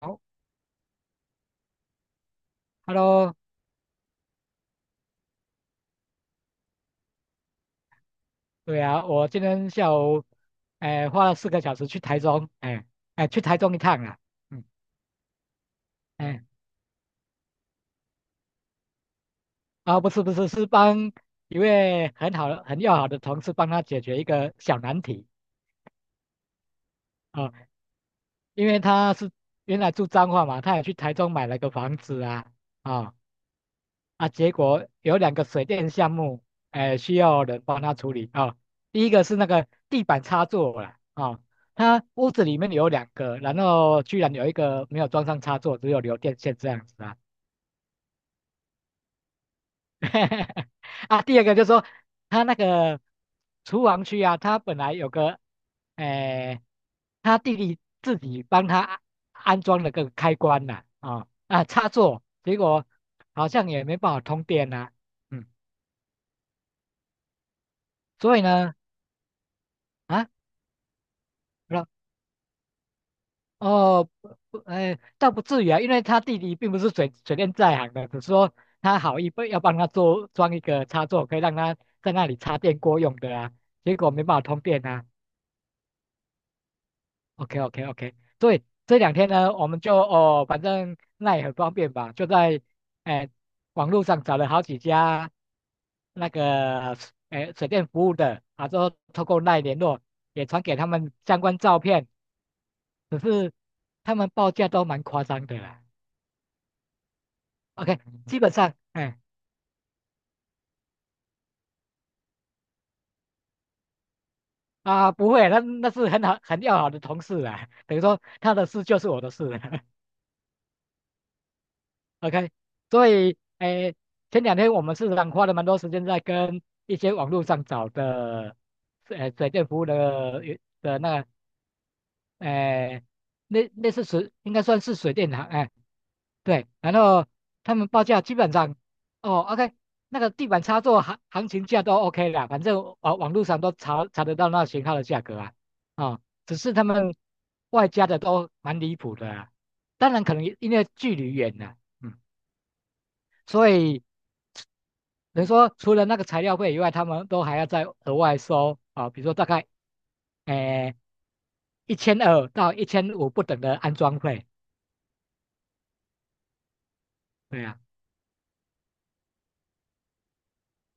好，Hello，对啊，我今天下午，哎、花了4个小时去台中，哎、去台中一趟啊，嗯，哎、啊，不是不是，是帮一位很好的、很要好的同事帮他解决一个小难题啊、因为他是原来住彰化嘛，他也去台中买了个房子啊，啊、啊，结果有两个水电项目，哎、需要人帮他处理啊、第一个是那个地板插座啦，啊、他屋子里面有两个，然后居然有一个没有装上插座，只有留电线这样子啊。啊，第二个就是说他那个厨房区啊，他本来有个，哎、他弟弟自己帮他安装了个开关呐、啊，插座，结果好像也没办法通电呐、嗯，所以呢。啊，老哦不不，哎，倒不至于啊，因为他弟弟并不是水电在行的，只是说他好意不要帮他做装一个插座，可以让他在那里插电锅用的啊，结果没办法通电啊。OK OK OK，所以这两天呢，我们就哦，反正那也很方便吧，就在哎网络上找了好几家那个哎水电服务的，啊，之后透过那联络，也传给他们相关照片。只是他们报价都蛮夸张的啦。OK，基本上，哎、啊，不会，那是很好很要好的同事啦，等于说他的事就是我的事了。OK，所以，哎、前两天我们市场花了蛮多时间在跟一些网络上找的，水电服务的那个，哎、那类似水，应该算是水电行，哎、对，然后他们报价基本上，哦，OK，那个地板插座行情价都 OK 啦，反正网络上都查得到那型号的价格啊，啊、只是他们外加的都蛮离谱的啊，当然可能因为距离远了，嗯，所以等于说除了那个材料费以外，他们都还要再额外收啊、比如说大概，诶1200到1500不等的安装费，对呀。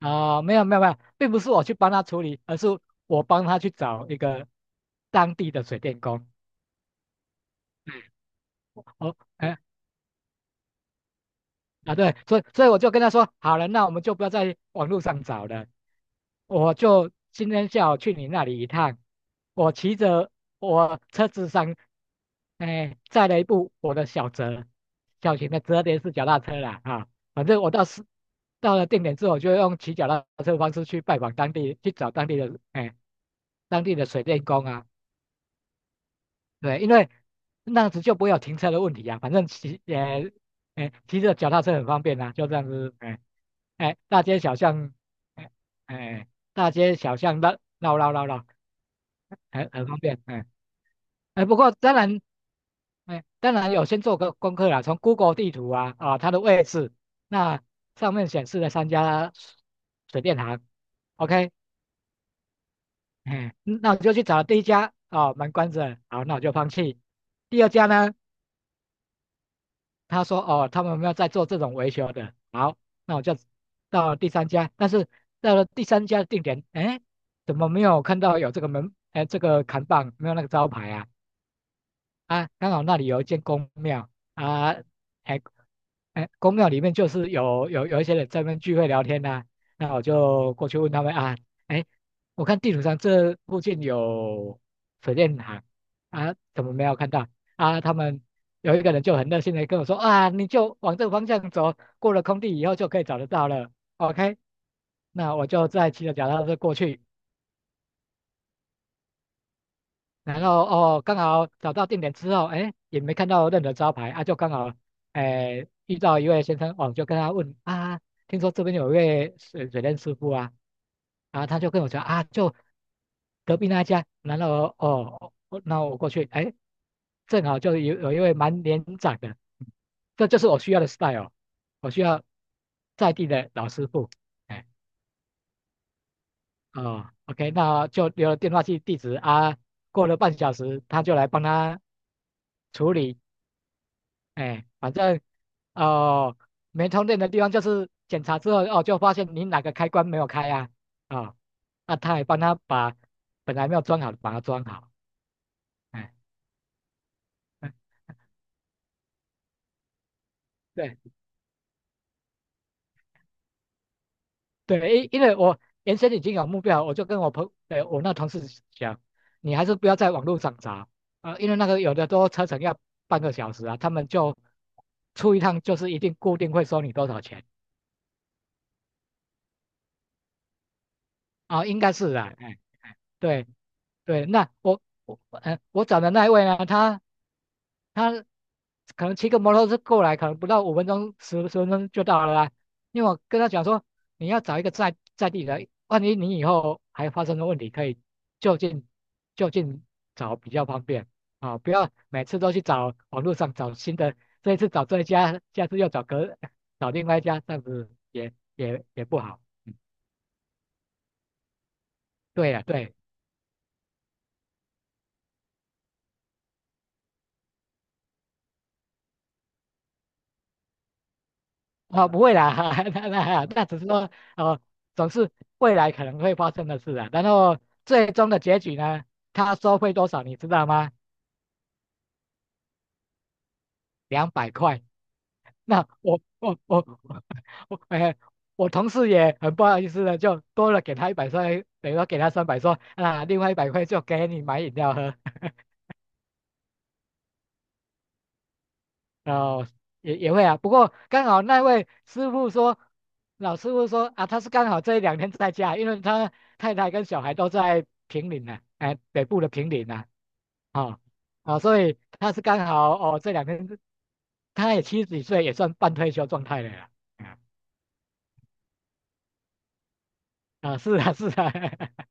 啊，没有没有没有，并不是我去帮他处理，而是我帮他去找一个当地的水电工。哦，哎啊对，所以我就跟他说，好了，那我们就不要在网络上找了，我就今天下午去你那里一趟，我骑着我车子上，哎，载了一部我的小折，小型的折叠式脚踏车啦啊，反正我到是到了定点之后，我就用骑脚踏车的方式去拜访当地，去找当地的哎当地的水电工啊。对，因为那样子就不会有停车的问题啊。反正骑，哎，骑着脚踏车很方便啊，就这样子，哎，哎，大街小巷，哎，哎，大街小巷的绕绕绕绕，很方便，哎，哎，不过当然，哎，当然有先做个功课啦，从 Google 地图啊，啊，它的位置，那上面显示了三家水电行，OK，哎，那我就去找第一家，哦，门关着，好，那我就放弃。第二家呢？他说哦，他们没有在做这种维修的。好，那我就到了第三家，但是到了第三家的定点，哎，怎么没有看到有这个门，哎，这个扛棒没有那个招牌啊？啊，刚好那里有一间公庙啊，哎，哎，公庙里面就是有一些人在那边聚会聊天呐、那我就过去问他们啊，哎，我看地图上这附近有水电行啊，怎么没有看到啊？他们有一个人就很热心的跟我说啊，你就往这个方向走，过了空地以后就可以找得到了。OK，那我就再骑着脚踏车过去。然后哦，刚好找到定点之后，哎，也没看到任何招牌啊，就刚好，哎，遇到一位先生，哦，就跟他问啊，听说这边有一位水电师傅啊，啊，他就跟我说啊，就隔壁那一家，然后哦，哦那我过去，哎，正好就有一位蛮年长的，这就是我需要的 style，我需要在地的老师傅，哎，哦，OK，那就留了电话记地址啊，过了半小时，他就来帮他。处理，哎，反正哦，没充电的地方就是检查之后哦，就发现你哪个开关没有开啊，啊，那他也帮他把本来没有装好的把它装好，哎，嗯对对，因为我原先已经有目标了我就跟我那同事讲，你还是不要在网络上找啊，因为那个有的都车程要半个小时啊，他们就出一趟就是一定固定会收你多少钱啊，应该是啊，哎，哎对。对，那我找的那一位呢，他可能骑个摩托车过来，可能不到5分钟十分钟就到了啦。因为我跟他讲说，你要找一个在地的，万一你以后还发生了问题，可以就近就近找比较方便啊，不要每次都去找网络上找新的，这一次找这一家，下次又找另外一家，这样子也不好。嗯对呀、对。啊，不会啦，那只是说哦，总是未来可能会发生的事啊。然后最终的结局呢，他收费多少你知道吗？200块。那我，哎，我同事也很不好意思的，就多了给他一百块，等于说给他300，说啊，另外一百块就给你买饮料喝。哦，也会啊，不过刚好那位师傅说，老师傅说啊，他是刚好这一两天在家，因为他太太跟小孩都在平岭呢、哎，北部的平岭呢、啊，哦，啊、所以他是刚好哦这两天，他也70几岁，也算半退休状态了啦，啊，啊是啊是啊，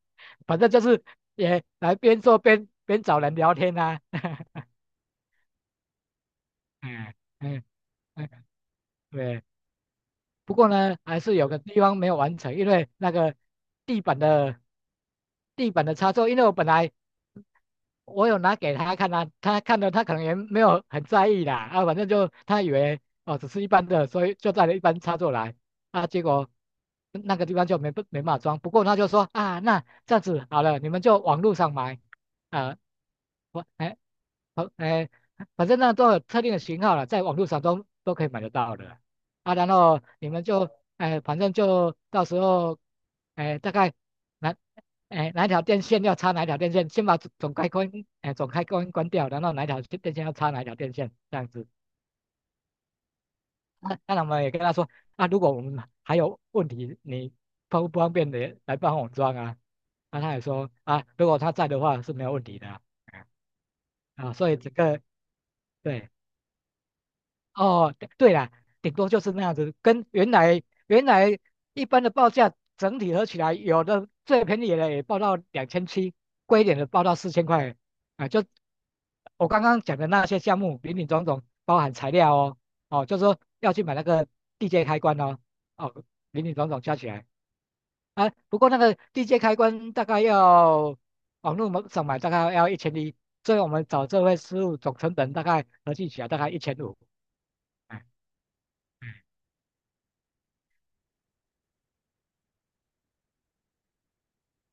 反正就是也来边做边找人聊天啊，嗯嗯嗯，对。不过呢，还是有个地方没有完成，因为那个地板的地板的插座，因为我本来我有拿给他看啊，他看了他可能也没有很在意啦，啊，反正就他以为哦只是一般的，所以就带了一般插座来，啊，结果那个地方就没办法装，不过他就说啊，那这样子好了，你们就网络上买，啊，我哎好哎，反正那都有特定的型号了，在网络上都可以买得到的，啊，然后你们就哎，反正就到时候哎大概。哪哪一条电线要插哪一条电线，先把总开关关掉，然后哪一条电线要插哪一条电线这样子。那那然我们也跟他说啊，如果我们还有问题，你方不方便的来帮我装啊？那他也说啊，如果他在的话是没有问题的啊，啊所以整个对。哦，对对啦，顶多就是那样子，跟原来一般的报价整体合起来，有的最便宜的也报到2700，贵一点的报到4000块，啊，就我刚刚讲的那些项目，林林总总包含材料哦，哦，就是说要去买那个地接开关哦，哦，林林总总加起来，啊，不过那个地接开关大概要网络上买大概要1100，所以我们找这位师傅总成本大概合计起来大概一千五。嗯。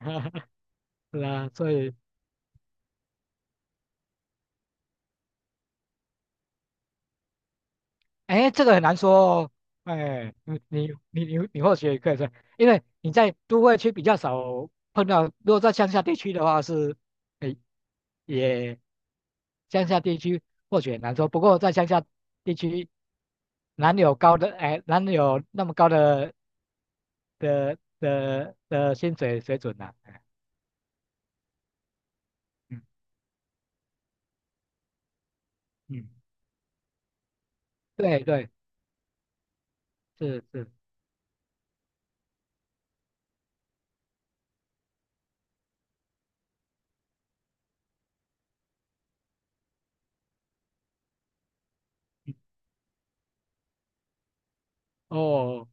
是啊，所以，哎，这个很难说哦。哎，你或许也可以说，因为你在都会区比较少碰到，如果在乡下地区的话是，哎，也乡下地区或许很难说。不过在乡下地区，哪里有高的，哎，哪里有那么高的薪水水准呢、哎，嗯嗯，对对，是是，哦，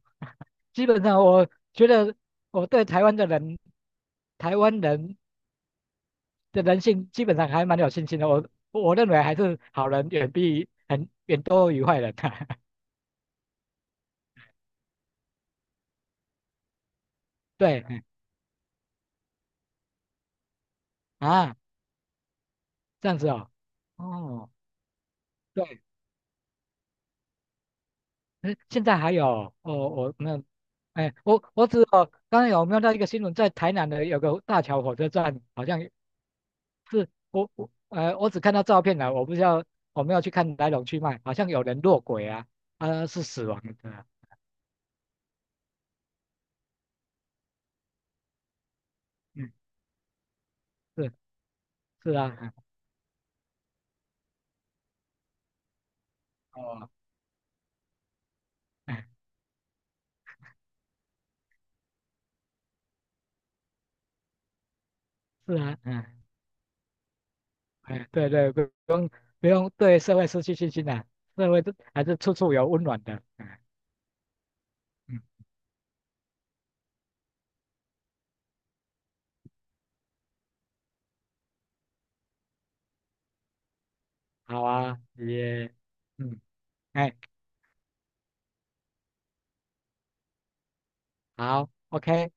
基本上我觉得我对台湾的人，台湾人。的人性基本上还蛮有信心的。我认为还是好人远比很远多于坏人啊。对嗯啊，这样子哦，哦，对，嗯现在还有哦，我没有，哎，我我只哦，刚才有没有到一个新闻，在台南的有个大桥火车站，好像是我只看到照片了，我不知道我没有去看来龙去脉，好像有人落轨啊，啊、是死亡的，嗯，是是啊，嗯哦，哎是啊，嗯。哎，对对，用不用对社会失去信心啊，社会都还是处处有温暖的。哎嗯，好啊，也，嗯，哎，好，OK。